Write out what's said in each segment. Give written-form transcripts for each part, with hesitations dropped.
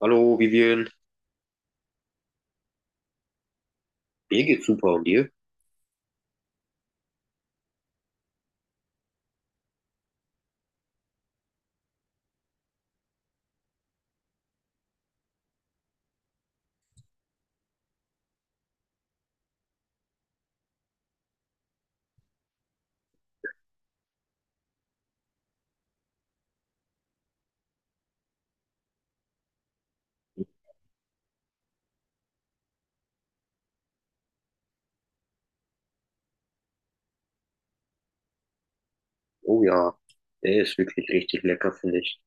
Hallo Vivian, mir geht's super und dir? Oh ja, der ist wirklich richtig lecker, finde ich.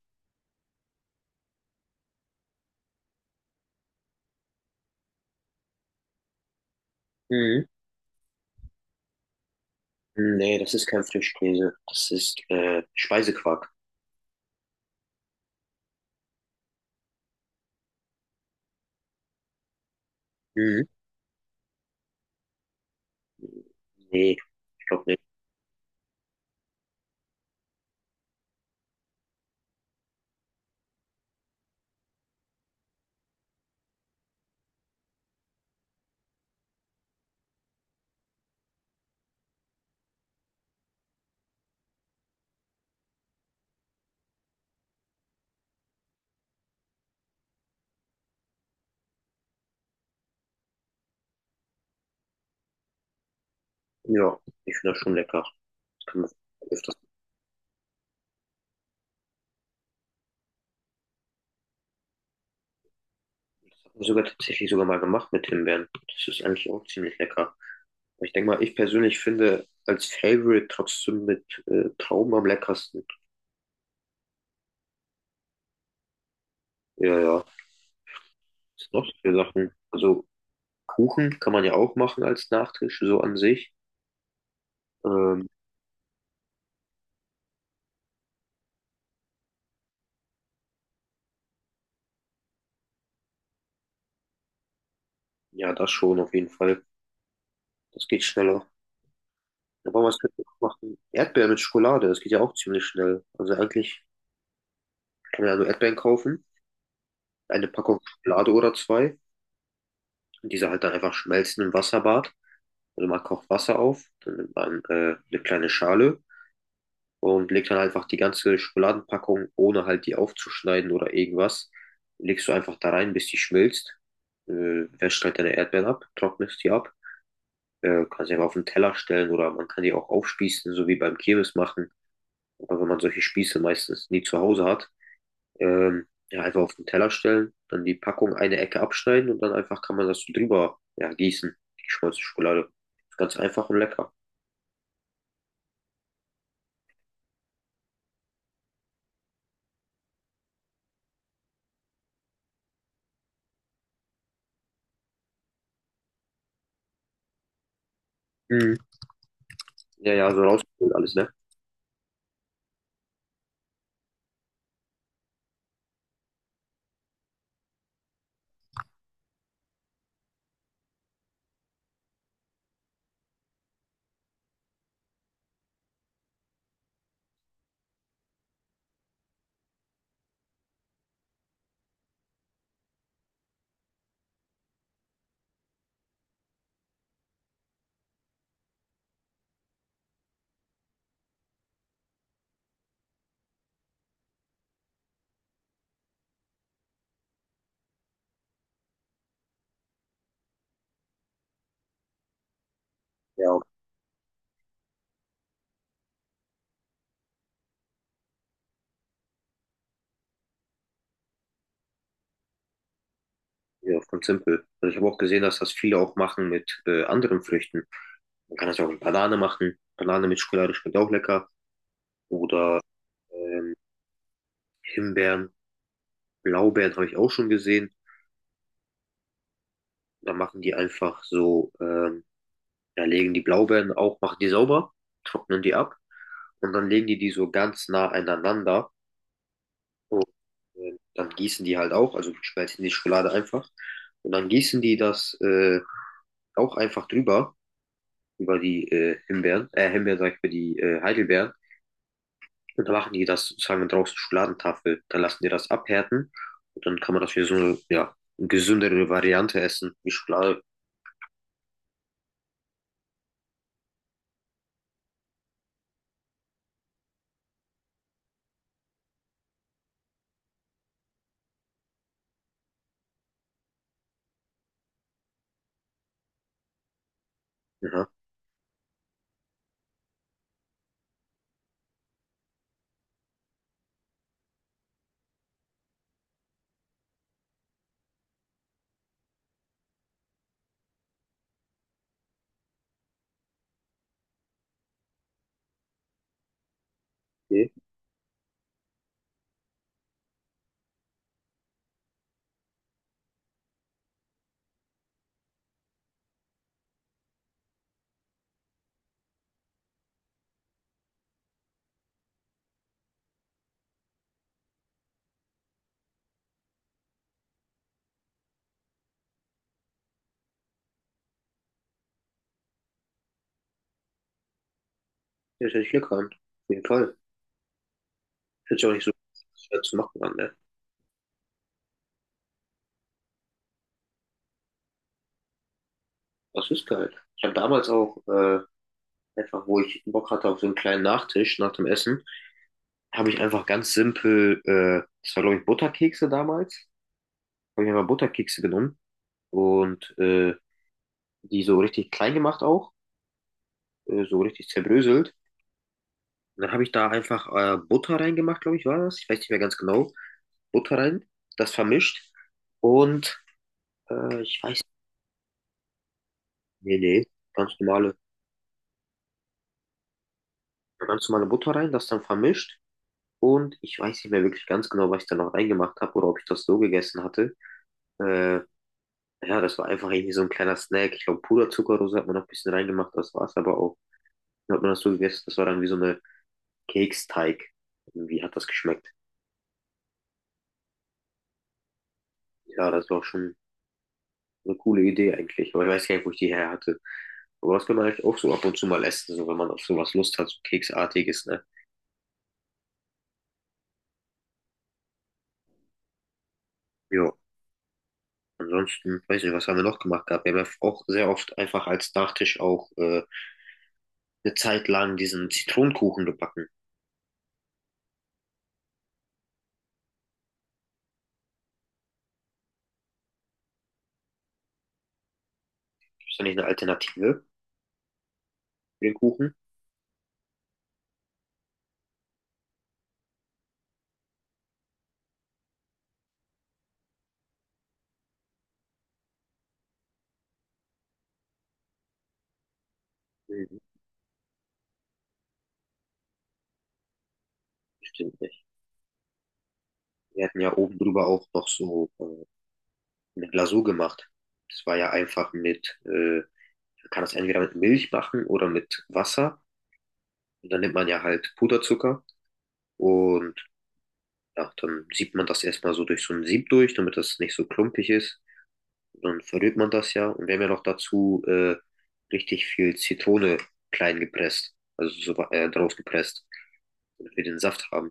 Mhm. Nee, das ist kein Frischkäse, das ist Speisequark. Mhm. Nee, ich glaube nicht. Ja, ich finde das schon lecker. Das kann man öfters. Das habe ich sogar tatsächlich sogar mal gemacht mit Himbeeren. Das ist eigentlich auch ziemlich lecker. Aber ich denke mal, ich persönlich finde als Favorite trotzdem mit Trauben am leckersten. Ja, ja. Was sind noch so viele Sachen? Also Kuchen kann man ja auch machen als Nachtisch, so an sich. Ähm, Ja, das schon auf jeden Fall. Das geht schneller. Aber was könnte man noch machen? Erdbeeren mit Schokolade, das geht ja auch ziemlich schnell. Also eigentlich kann man ja nur Erdbeeren kaufen, eine Packung Schokolade oder zwei und diese halt dann einfach schmelzen im Wasserbad. Also man kocht Wasser auf, dann nimmt man eine kleine Schale und legt dann einfach die ganze Schokoladenpackung, ohne halt die aufzuschneiden oder irgendwas, legst du einfach da rein, bis die schmilzt. Äh, wäscht halt deine Erdbeeren ab, trocknest die ab. Kannst sie einfach auf den Teller stellen oder man kann die auch aufspießen, so wie beim Kirmes machen. Aber wenn man solche Spieße meistens nie zu Hause hat, ja, einfach auf den Teller stellen, dann die Packung eine Ecke abschneiden und dann einfach kann man das so drüber, ja, gießen, die schmolzene Schokolade. Ist ganz einfach und lecker. Mhm. Ja, ja, so rausgeholt alles, ne? Ja, ja, ganz simpel. Und ich habe auch gesehen, dass das viele auch machen mit anderen Früchten. Man kann das ja auch mit Banane machen. Banane mit Schokolade schmeckt auch lecker. Oder ähm, Himbeeren, Blaubeeren habe ich auch schon gesehen. Da machen die einfach so ja, legen die Blaubeeren auch, machen die sauber, trocknen die ab und dann legen die die so ganz nah aneinander und dann gießen die halt auch, also schmelzen die Schokolade einfach und dann gießen die das auch einfach drüber, über die Himbeeren, Himbeeren sag ich, über die Heidelbeeren und dann machen die das sozusagen draußen Schokoladentafel, dann lassen die das abhärten und dann kann man das wie so eine, ja, eine gesündere Variante essen, wie Schokolade. Ja, okay. Das hört sich lecker an, auf jeden Fall. Hört sich auch nicht so schwer zu machen an, ne? Das ist geil. Ich habe damals auch einfach, wo ich Bock hatte auf so einen kleinen Nachtisch nach dem Essen, habe ich einfach ganz simpel, das war glaube ich Butterkekse damals, habe ich einfach Butterkekse genommen und die so richtig klein gemacht auch, so richtig zerbröselt. Und dann habe ich da einfach Butter reingemacht, glaube ich, war das. Ich weiß nicht mehr ganz genau. Butter rein, das vermischt und äh, ich weiß, nee, nee, ganz normale, ganz normale Butter rein, das dann vermischt. Und ich weiß nicht mehr wirklich ganz genau, was ich da noch reingemacht habe oder ob ich das so gegessen hatte. Äh, ja, das war einfach irgendwie so ein kleiner Snack. Ich glaube, Puderzuckerrose hat man noch ein bisschen reingemacht, das war es aber auch. Dann hat man das so gegessen, das war dann wie so eine Keksteig. Irgendwie hat das geschmeckt. Ja, das war schon eine coole Idee eigentlich, aber ich weiß gar nicht, wo ich die her hatte. Aber das kann man eigentlich auch so ab und zu mal essen, so wenn man auf sowas Lust hat, so Keksartiges, ne? Ja. Ansonsten, weiß nicht, was haben wir noch gemacht gehabt? Wir haben ja auch sehr oft einfach als Nachtisch auch eine Zeit lang diesen Zitronenkuchen gebacken. Ist da nicht eine Alternative für den Kuchen? Mhm, bestimmt nicht. Wir hatten ja oben drüber auch noch so eine Glasur gemacht. Das war ja einfach mit, man kann das entweder mit Milch machen oder mit Wasser. Und dann nimmt man ja halt Puderzucker und ja, dann siebt man das erstmal so durch so ein Sieb durch, damit das nicht so klumpig ist. Und dann verrührt man das ja. Und wir haben ja noch dazu richtig viel Zitrone klein gepresst, also so drauf gepresst, damit wir den Saft haben.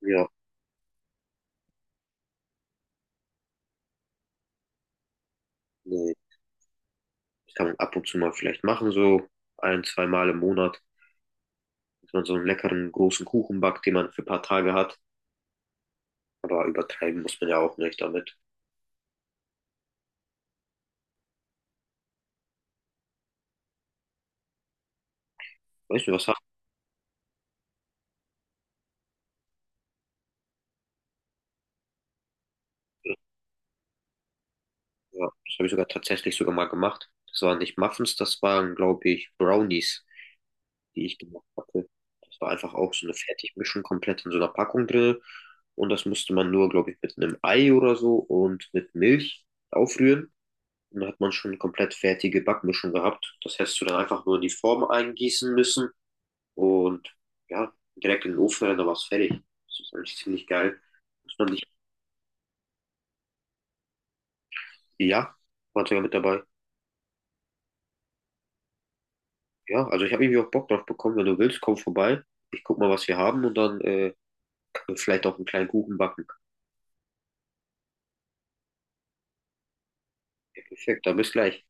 Ja, nee. Das kann man ab und zu mal vielleicht machen, so ein, zwei Mal im Monat, dass man so einen leckeren großen Kuchen backt, den man für ein paar Tage hat. Aber übertreiben muss man ja auch nicht damit. Weißt du, was hast du? Ja, das habe ich sogar tatsächlich sogar mal gemacht. Das waren nicht Muffins, das waren, glaube ich, Brownies, die ich gemacht hatte. Das war einfach auch so eine Fertigmischung komplett in so einer Packung drin. Und das musste man nur, glaube ich, mit einem Ei oder so und mit Milch aufrühren. Und dann hat man schon eine komplett fertige Backmischung gehabt. Das hättest du dann einfach nur in die Form eingießen müssen. Und ja, direkt in den Ofen rein, da war es fertig. Das ist eigentlich ziemlich geil. Muss man nicht, ja, war sogar mit dabei. Ja, also ich habe irgendwie auch Bock drauf bekommen. Wenn du willst, komm vorbei. Ich guck mal, was wir haben und dann können wir vielleicht auch einen kleinen Kuchen backen. Ja, perfekt, dann bis gleich.